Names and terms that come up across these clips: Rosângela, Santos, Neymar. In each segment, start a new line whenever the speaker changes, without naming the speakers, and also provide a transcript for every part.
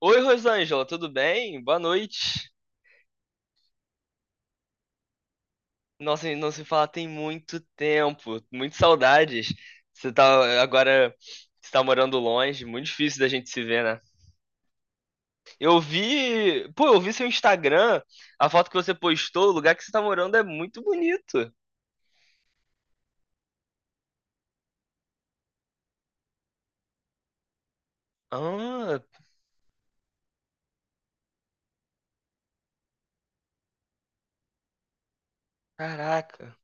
Oi, Rosângela, tudo bem? Boa noite. Nossa, não se fala tem muito tempo, muitas saudades. Você tá agora, você tá morando longe, muito difícil da gente se ver, né? Eu vi seu Instagram, a foto que você postou, o lugar que você tá morando é muito bonito. Ah, caraca.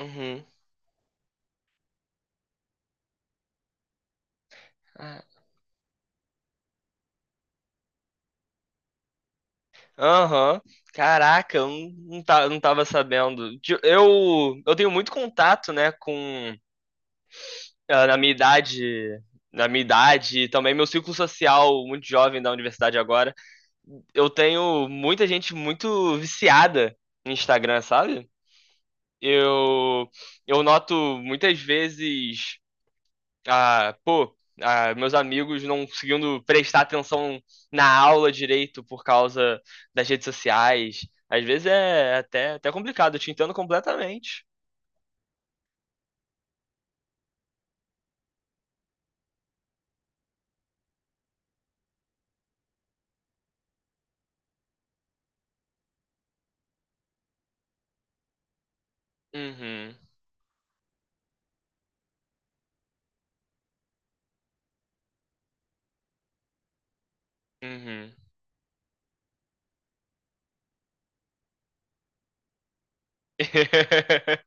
Uhum. Ah, Aham. Caraca, eu não, não, tá- não tava sabendo. Eu tenho muito contato, né, com ah, na minha idade, na minha idade e também meu círculo social muito jovem da universidade agora, eu tenho muita gente muito viciada no Instagram, sabe? Eu eu noto muitas vezes, pô, meus amigos não conseguindo prestar atenção na aula direito por causa das redes sociais. Às vezes é até complicado, eu te entendo completamente. Uhum, uhum.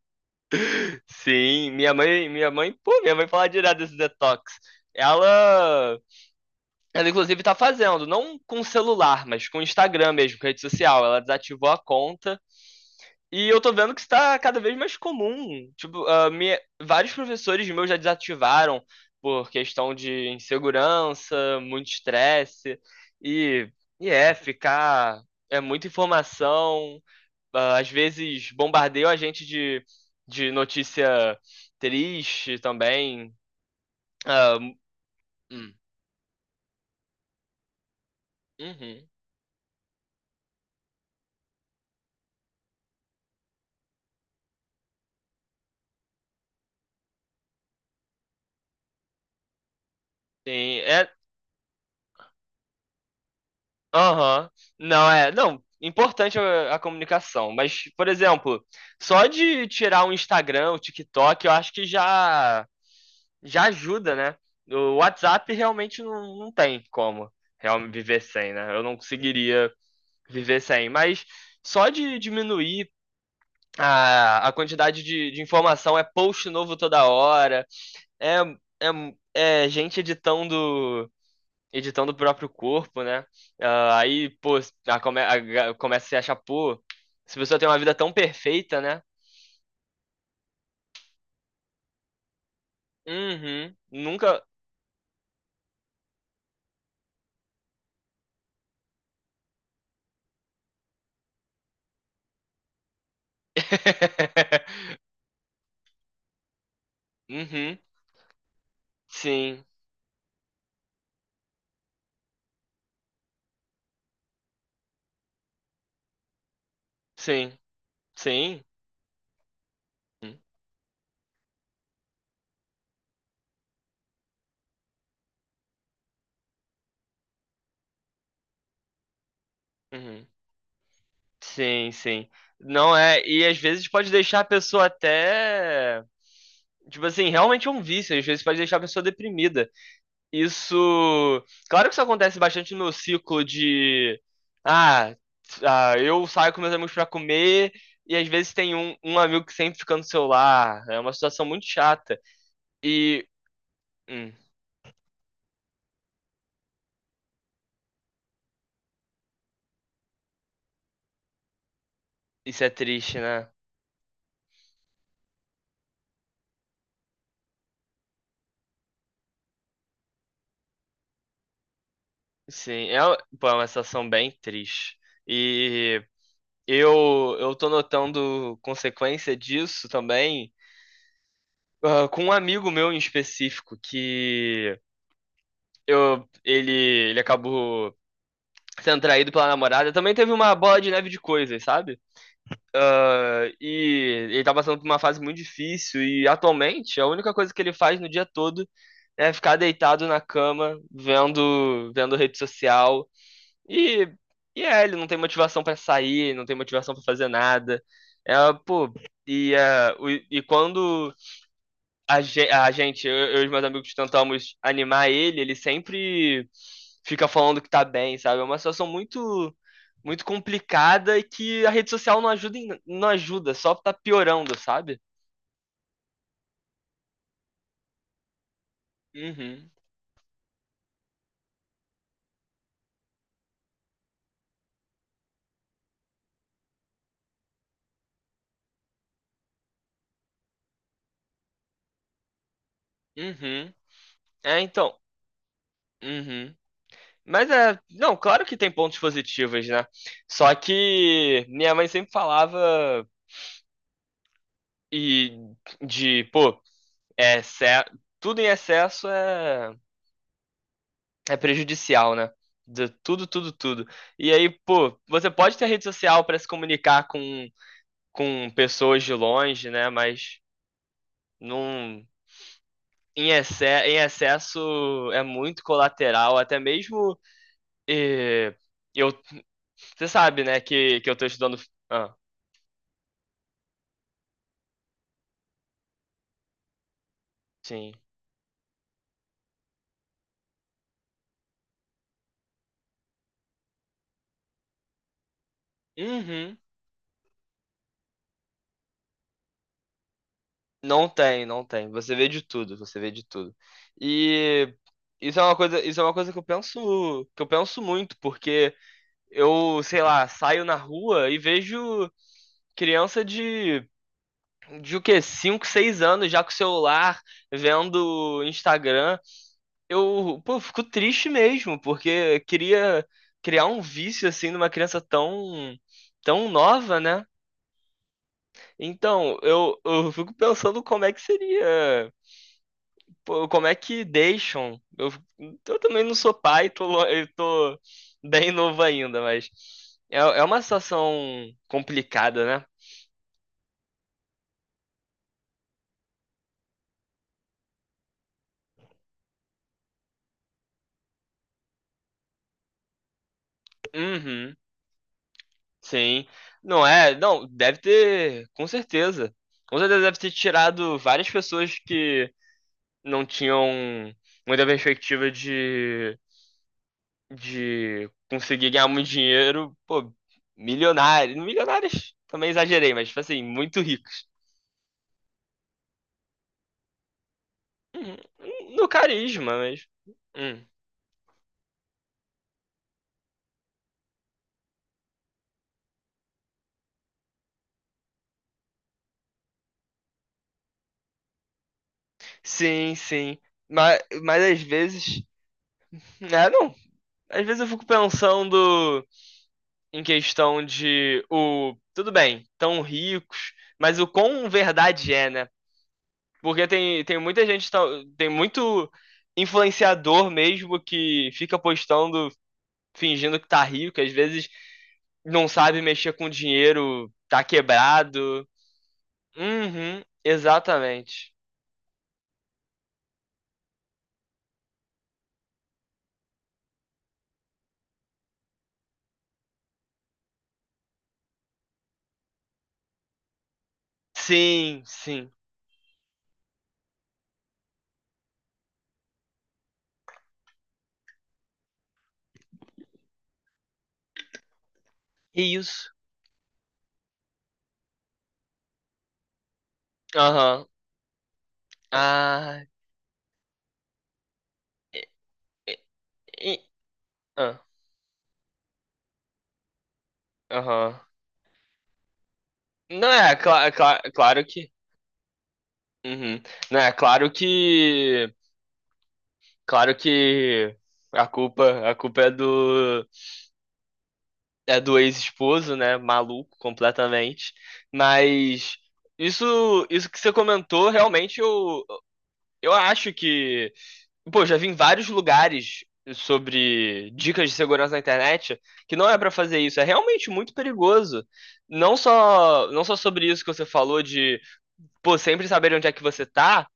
Sim, minha mãe fala direto desse detox. Ela, ela inclusive tá fazendo, não com celular, mas com Instagram mesmo, com rede social. Ela desativou a conta. E eu tô vendo que isso tá cada vez mais comum. Tipo, vários professores meus já desativaram por questão de insegurança, muito estresse. E, e é, ficar. É muita informação às vezes bombardeiam a gente de notícia triste também. Ah, hum, uhum. Sim, é. Aham. Não, é. Não, importante a comunicação. Mas, por exemplo, só de tirar o Instagram, o TikTok, eu acho que já ajuda, né? O WhatsApp realmente não tem como realmente viver sem, né? Eu não conseguiria viver sem. Mas só de diminuir a quantidade de informação é post novo toda hora, é, é gente editando o próprio corpo, né? Ah, aí, pô, a come- a- começa a se achar, pô, se a pessoa tem uma vida tão perfeita, né? Uhum, nunca. Uhum, sim, sim, sim. Uhum, sim, sim. Não é, e às vezes pode deixar a pessoa até. Tipo assim, realmente é um vício, às vezes pode deixar a pessoa deprimida. Isso. Claro que isso acontece bastante no ciclo de. Ah, ah, eu saio com meus amigos pra comer. E às vezes tem um amigo que sempre fica no celular. É uma situação muito chata. E. hum, isso é triste, né? Sim, é, pô, é uma situação bem triste. E eu tô notando consequência disso também. Ah, com um amigo meu em específico, que eu, ele, ele acabou sendo traído pela namorada, também teve uma bola de neve de coisas, sabe? Ah, e ele tá passando por uma fase muito difícil e atualmente a única coisa que ele faz no dia todo é ficar deitado na cama, vendo rede social e, e é, ele não tem motivação pra sair, não tem motivação pra fazer nada. É, pô, e quando a gente, eu e os meus amigos tentamos animar ele, ele sempre fica falando que tá bem, sabe? É uma situação muito muito complicada e que a rede social não ajuda, em- não ajuda, só tá piorando, sabe? Uhum. Uhum. É, então. Uhum. Mas é, não, claro que tem pontos positivos, né? Só que minha mãe sempre falava e de, pô, é, ce- tudo em excesso é prejudicial, né? De tudo, tudo, tudo. E aí, pô, você pode ter rede social para se comunicar com pessoas de longe, né? Mas não, em, exce em excesso é muito colateral. Até mesmo eh, eu, você sabe, né? Que eu tô estudando. Ah, sim. Uhum. Não tem, não tem. Você vê de tudo, você vê de tudo. E isso é uma coisa que eu penso muito, porque sei lá, saio na rua e vejo criança de o quê? 5 6 anos já com o celular, vendo Instagram. Eu, pô, fico triste mesmo, porque queria criar um vício assim numa criança tão, tão nova, né? Então, eu fico pensando como é que seria Pô, como é que deixam? Eu também não sou pai, eu tô bem novo ainda, mas é uma situação complicada, né? Uhum, sim. Não é? Não, deve ter, com certeza. Com certeza deve ter tirado várias pessoas que não tinham muita perspectiva de conseguir ganhar muito dinheiro. Pô, milionários. Milionários também exagerei, mas, tipo assim, muito ricos. Uhum, No carisma, Hum. Sim, sim. Mas às vezes. Ah, não. Às vezes eu fico pensando em questão de o. Tudo bem, tão ricos, mas o quão verdade é, né? Porque tem muita gente, tem muito influenciador mesmo que fica postando, fingindo que tá rico, às vezes não sabe mexer com dinheiro, tá quebrado. Uhum, exatamente. Sim, sim. E Isso. Aham. Ah. E- ah, Aham. Não é, é claro que. Uhum. Não é, claro que. Claro que a culpa é do ex-esposo, né? Maluco completamente. Mas isso que você comentou, realmente eu acho que. Pô, já vi em vários lugares sobre dicas de segurança na internet que não é pra fazer isso. É realmente muito perigoso. Não só sobre isso que você falou de pô, sempre saber onde é que você tá.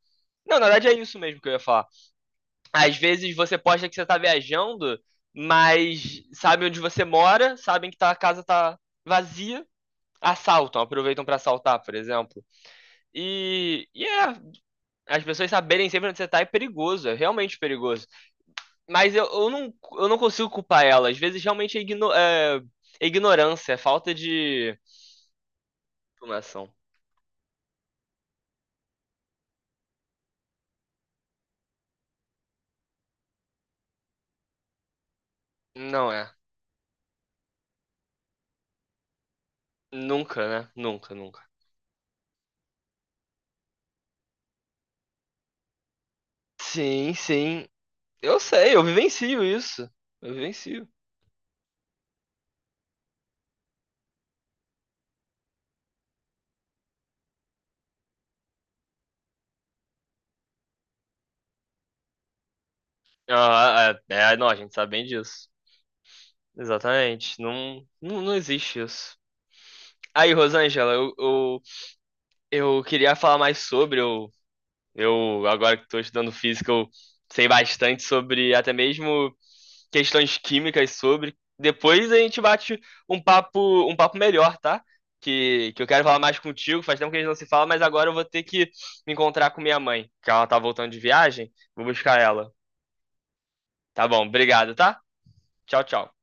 Não, na verdade é isso mesmo que eu ia falar. Às vezes você posta que você tá viajando, mas sabem onde você mora, sabem que a casa tá vazia, assaltam, aproveitam pra assaltar, por exemplo. E é, as pessoas saberem sempre onde você tá é perigoso, é realmente perigoso. Mas eu não consigo culpar ela, às vezes realmente é ignorância, é falta de informação. Não é. Nunca, né? Nunca, nunca. Sim, sim. Eu sei, eu vivencio isso. Eu vivencio. Ah, é, não, a gente sabe bem disso. Exatamente. Não, não, não existe isso. Aí, Rosângela, eu queria falar mais sobre. Eu agora que estou estudando física, eu sei bastante sobre até mesmo questões químicas sobre. Depois a gente bate um papo melhor, tá? Que eu quero falar mais contigo. Faz tempo que a gente não se fala, mas agora eu vou ter que me encontrar com minha mãe, que ela tá voltando de viagem. Vou buscar ela. Tá bom, obrigado, tá? Tchau, tchau.